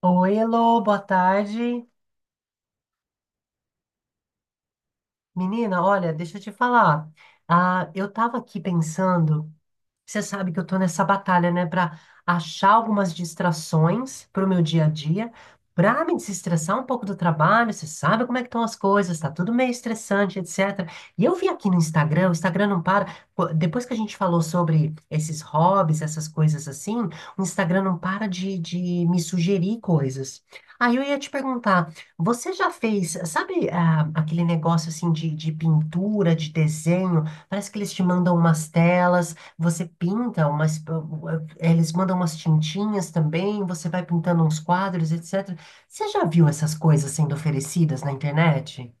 Oi, Elô, boa tarde. Menina, olha, deixa eu te falar. Ah, eu tava aqui pensando. Você sabe que eu tô nessa batalha, né, para achar algumas distrações para o meu dia a dia, para me desestressar um pouco do trabalho. Você sabe como é que estão as coisas, tá tudo meio estressante, etc. E eu vi aqui no Instagram, o Instagram não para. Pô, depois que a gente falou sobre esses hobbies, essas coisas assim, o Instagram não para de me sugerir coisas. Aí eu ia te perguntar, você já fez, sabe, ah, aquele negócio assim de pintura, de desenho? Parece que eles te mandam umas telas. Você pinta umas. Eles mandam umas tintinhas também, você vai pintando uns quadros, etc. Você já viu essas coisas sendo oferecidas na internet?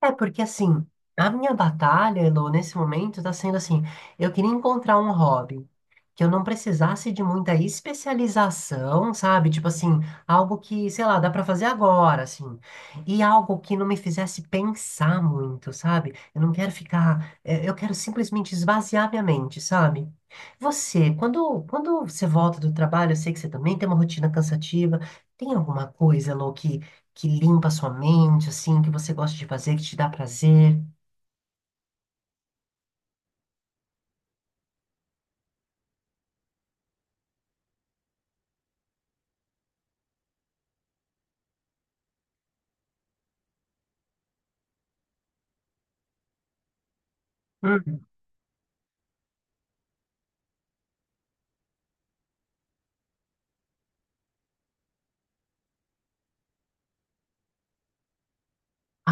É porque assim, a minha batalha, Elo, nesse momento tá sendo assim, eu queria encontrar um hobby que eu não precisasse de muita especialização, sabe? Tipo assim, algo que, sei lá, dá pra fazer agora, assim. E algo que não me fizesse pensar muito, sabe? Eu não quero ficar, é, eu quero simplesmente esvaziar minha mente, sabe? Você, quando você volta do trabalho, eu sei que você também tem uma rotina cansativa. Tem alguma coisa, Elo, que limpa a sua mente, assim, que você gosta de fazer, que te dá prazer? Hum.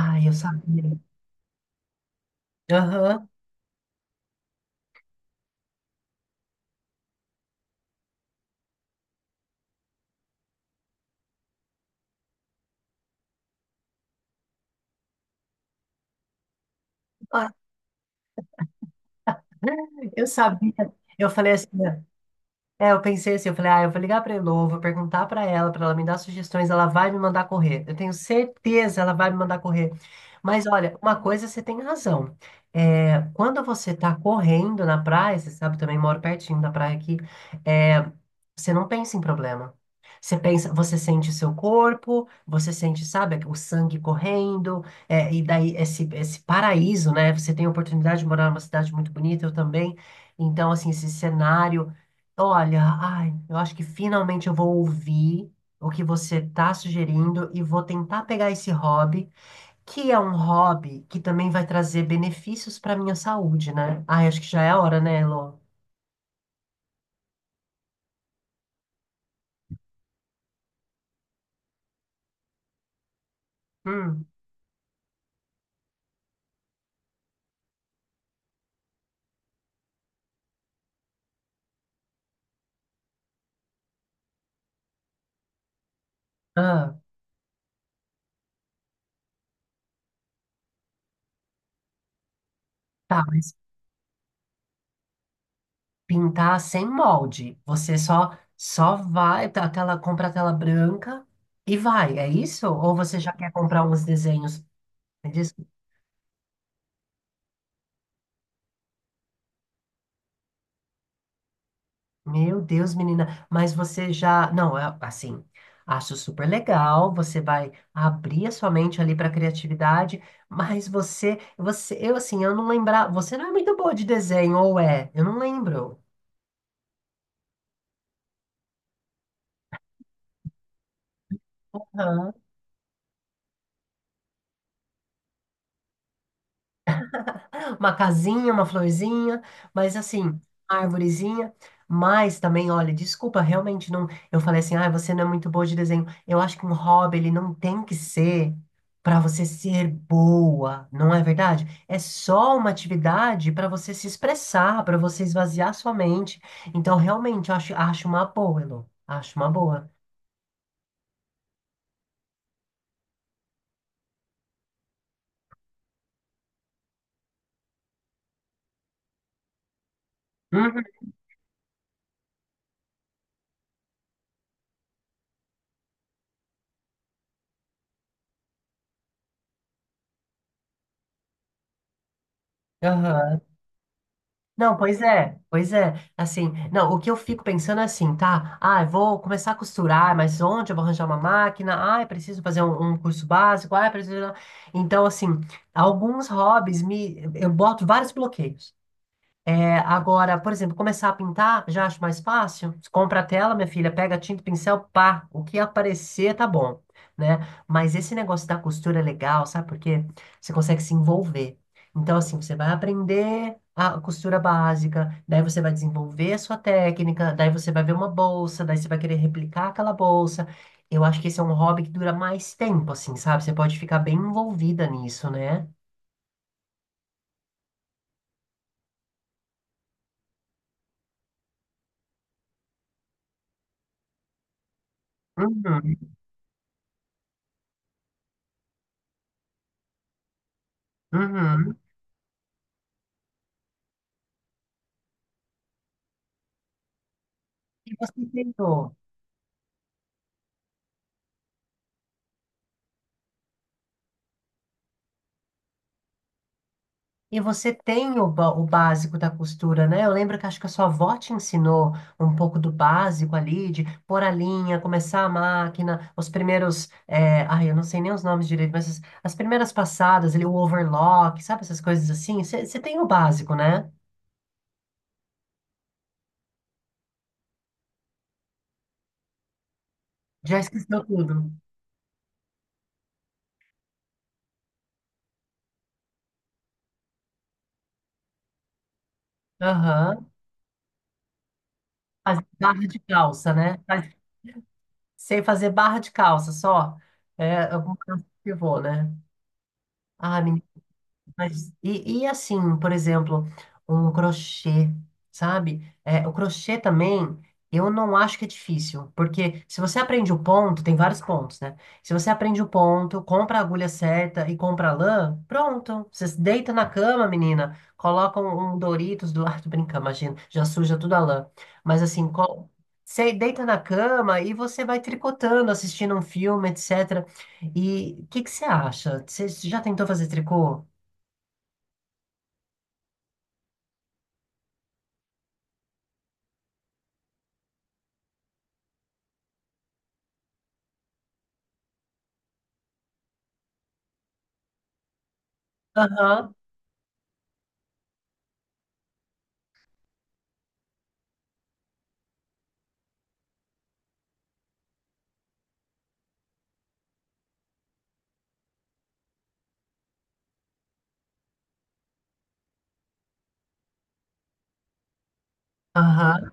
Ai, eu sabia. Aham. Ah, eu sabia. Eu falei assim. É, eu pensei assim, eu falei, ah, eu vou ligar pra Elô, vou perguntar pra ela me dar sugestões, ela vai me mandar correr. Eu tenho certeza, ela vai me mandar correr. Mas olha, uma coisa você tem razão. É, quando você tá correndo na praia, você sabe, eu também moro pertinho da praia aqui, é, você não pensa em problema. Você pensa, você sente o seu corpo, você sente, sabe, o sangue correndo, é, e daí esse paraíso, né? Você tem a oportunidade de morar numa cidade muito bonita, eu também. Então, assim, esse cenário. Olha, ai, eu acho que finalmente eu vou ouvir o que você está sugerindo e vou tentar pegar esse hobby, que é um hobby que também vai trazer benefícios para minha saúde, né? Ai, acho que já é a hora, né, Elô? Hum, ah, tá, mas pintar sem molde. Você só vai, tá, a tela, compra a tela branca e vai, é isso? Ou você já quer comprar uns desenhos? Meu Deus, menina, mas você já. Não, é assim, acho super legal. Você vai abrir a sua mente ali para criatividade, mas eu assim, eu não lembrar. Você não é muito boa de desenho, ou é? Eu não lembro. Uma casinha, uma florzinha, mas assim, árvorezinha. Mas também, olha, desculpa, realmente não. Eu falei assim, ah, você não é muito boa de desenho. Eu acho que um hobby, ele não tem que ser para você ser boa, não é verdade? É só uma atividade para você se expressar, para você esvaziar sua mente. Então, realmente, eu acho, acho uma boa, Elô. Acho uma boa. Uhum. Aham. Não, pois é, pois é. Assim, não, o que eu fico pensando é assim, tá? Ah, eu vou começar a costurar, mas onde eu vou arranjar uma máquina? Ah, eu preciso fazer um curso básico. Ah, eu preciso. Então, assim, alguns hobbies me, eu boto vários bloqueios. É, agora, por exemplo, começar a pintar, já acho mais fácil. Você compra a tela, minha filha, pega tinta, pincel, pá, o que aparecer tá bom, né? Mas esse negócio da costura é legal, sabe por quê? Você consegue se envolver. Então, assim, você vai aprender a costura básica, daí você vai desenvolver a sua técnica, daí você vai ver uma bolsa, daí você vai querer replicar aquela bolsa. Eu acho que esse é um hobby que dura mais tempo, assim, sabe? Você pode ficar bem envolvida nisso, né? Uhum, uhum. E você tentou? E você tem o, ba- o básico da costura, né? Eu lembro que acho que a sua avó te ensinou um pouco do básico ali, de pôr a linha, começar a máquina, os primeiros. Ai, eu não sei nem os nomes direito, mas as primeiras passadas, ali, o overlock, sabe? Essas coisas assim. Você tem o básico, né? Já esqueceu tudo. Aham. Faz barra de calça, né? Faz- sei fazer barra de calça só. É, eu vou, né? Ah, mas, e assim, por exemplo, um crochê, sabe? É, o crochê também, eu não acho que é difícil, porque se você aprende o ponto, tem vários pontos, né? Se você aprende o ponto, compra a agulha certa e compra a lã, pronto. Você se deita na cama, menina, coloca um Doritos do lado, brinca, imagina, já suja tudo a lã. Mas assim, co- você deita na cama e você vai tricotando, assistindo um filme, etc. E o que que você acha? Você já tentou fazer tricô? Aham, aham.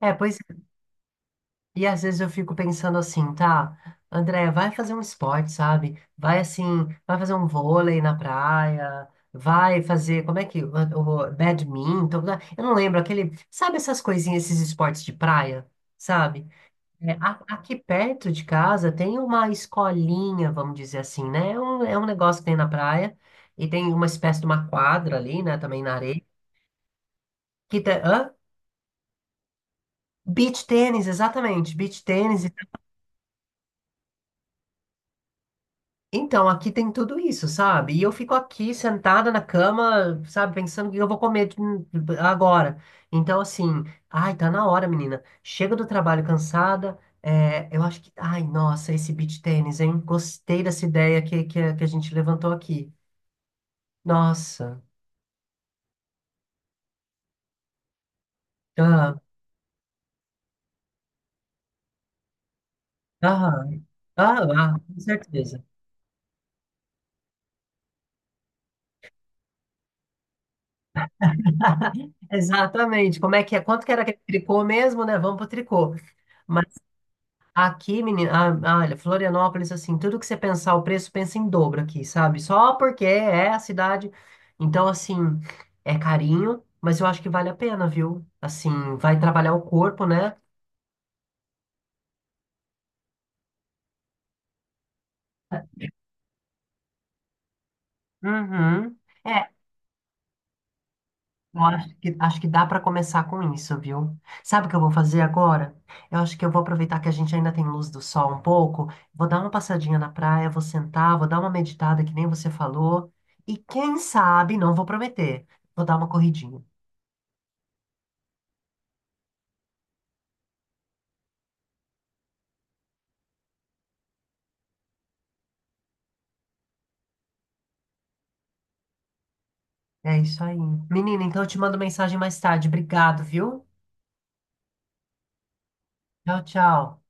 É, pois, é. E às vezes eu fico pensando assim, tá, André, vai fazer um esporte, sabe? Vai assim, vai fazer um vôlei na praia, vai fazer, como é que, o badminton, né? Eu não lembro, aquele, sabe essas coisinhas, esses esportes de praia, sabe? É, a- aqui perto de casa tem uma escolinha, vamos dizer assim, né? É um negócio que tem na praia, e tem uma espécie de uma quadra ali, né, também na areia, que tem, hã? Beach tênis, exatamente. Beach tênis. Então, aqui tem tudo isso, sabe? E eu fico aqui sentada na cama, sabe, pensando o que eu vou comer agora. Então, assim, ai, tá na hora, menina. Chega do trabalho cansada. É, eu acho que. Ai, nossa, esse beach tênis, hein? Gostei dessa ideia a que a gente levantou aqui. Nossa. Ah, ah, ah, ah, com certeza. Exatamente. Como é que é? Quanto que era aquele tricô mesmo, né? Vamos pro tricô. Aqui, menina, ah, ah, olha, Florianópolis, assim, tudo que você pensar o preço, pensa em dobro aqui, sabe? Só porque é a cidade. Então, assim, é carinho, mas eu acho que vale a pena, viu? Assim, vai trabalhar o corpo, né? Uhum. É, eu acho que dá para começar com isso, viu? Sabe o que eu vou fazer agora? Eu acho que eu vou aproveitar que a gente ainda tem luz do sol um pouco, vou dar uma passadinha na praia, vou sentar, vou dar uma meditada, que nem você falou, e quem sabe, não vou prometer, vou dar uma corridinha. É isso aí. Menina, então eu te mando mensagem mais tarde. Obrigado, viu? Tchau, tchau.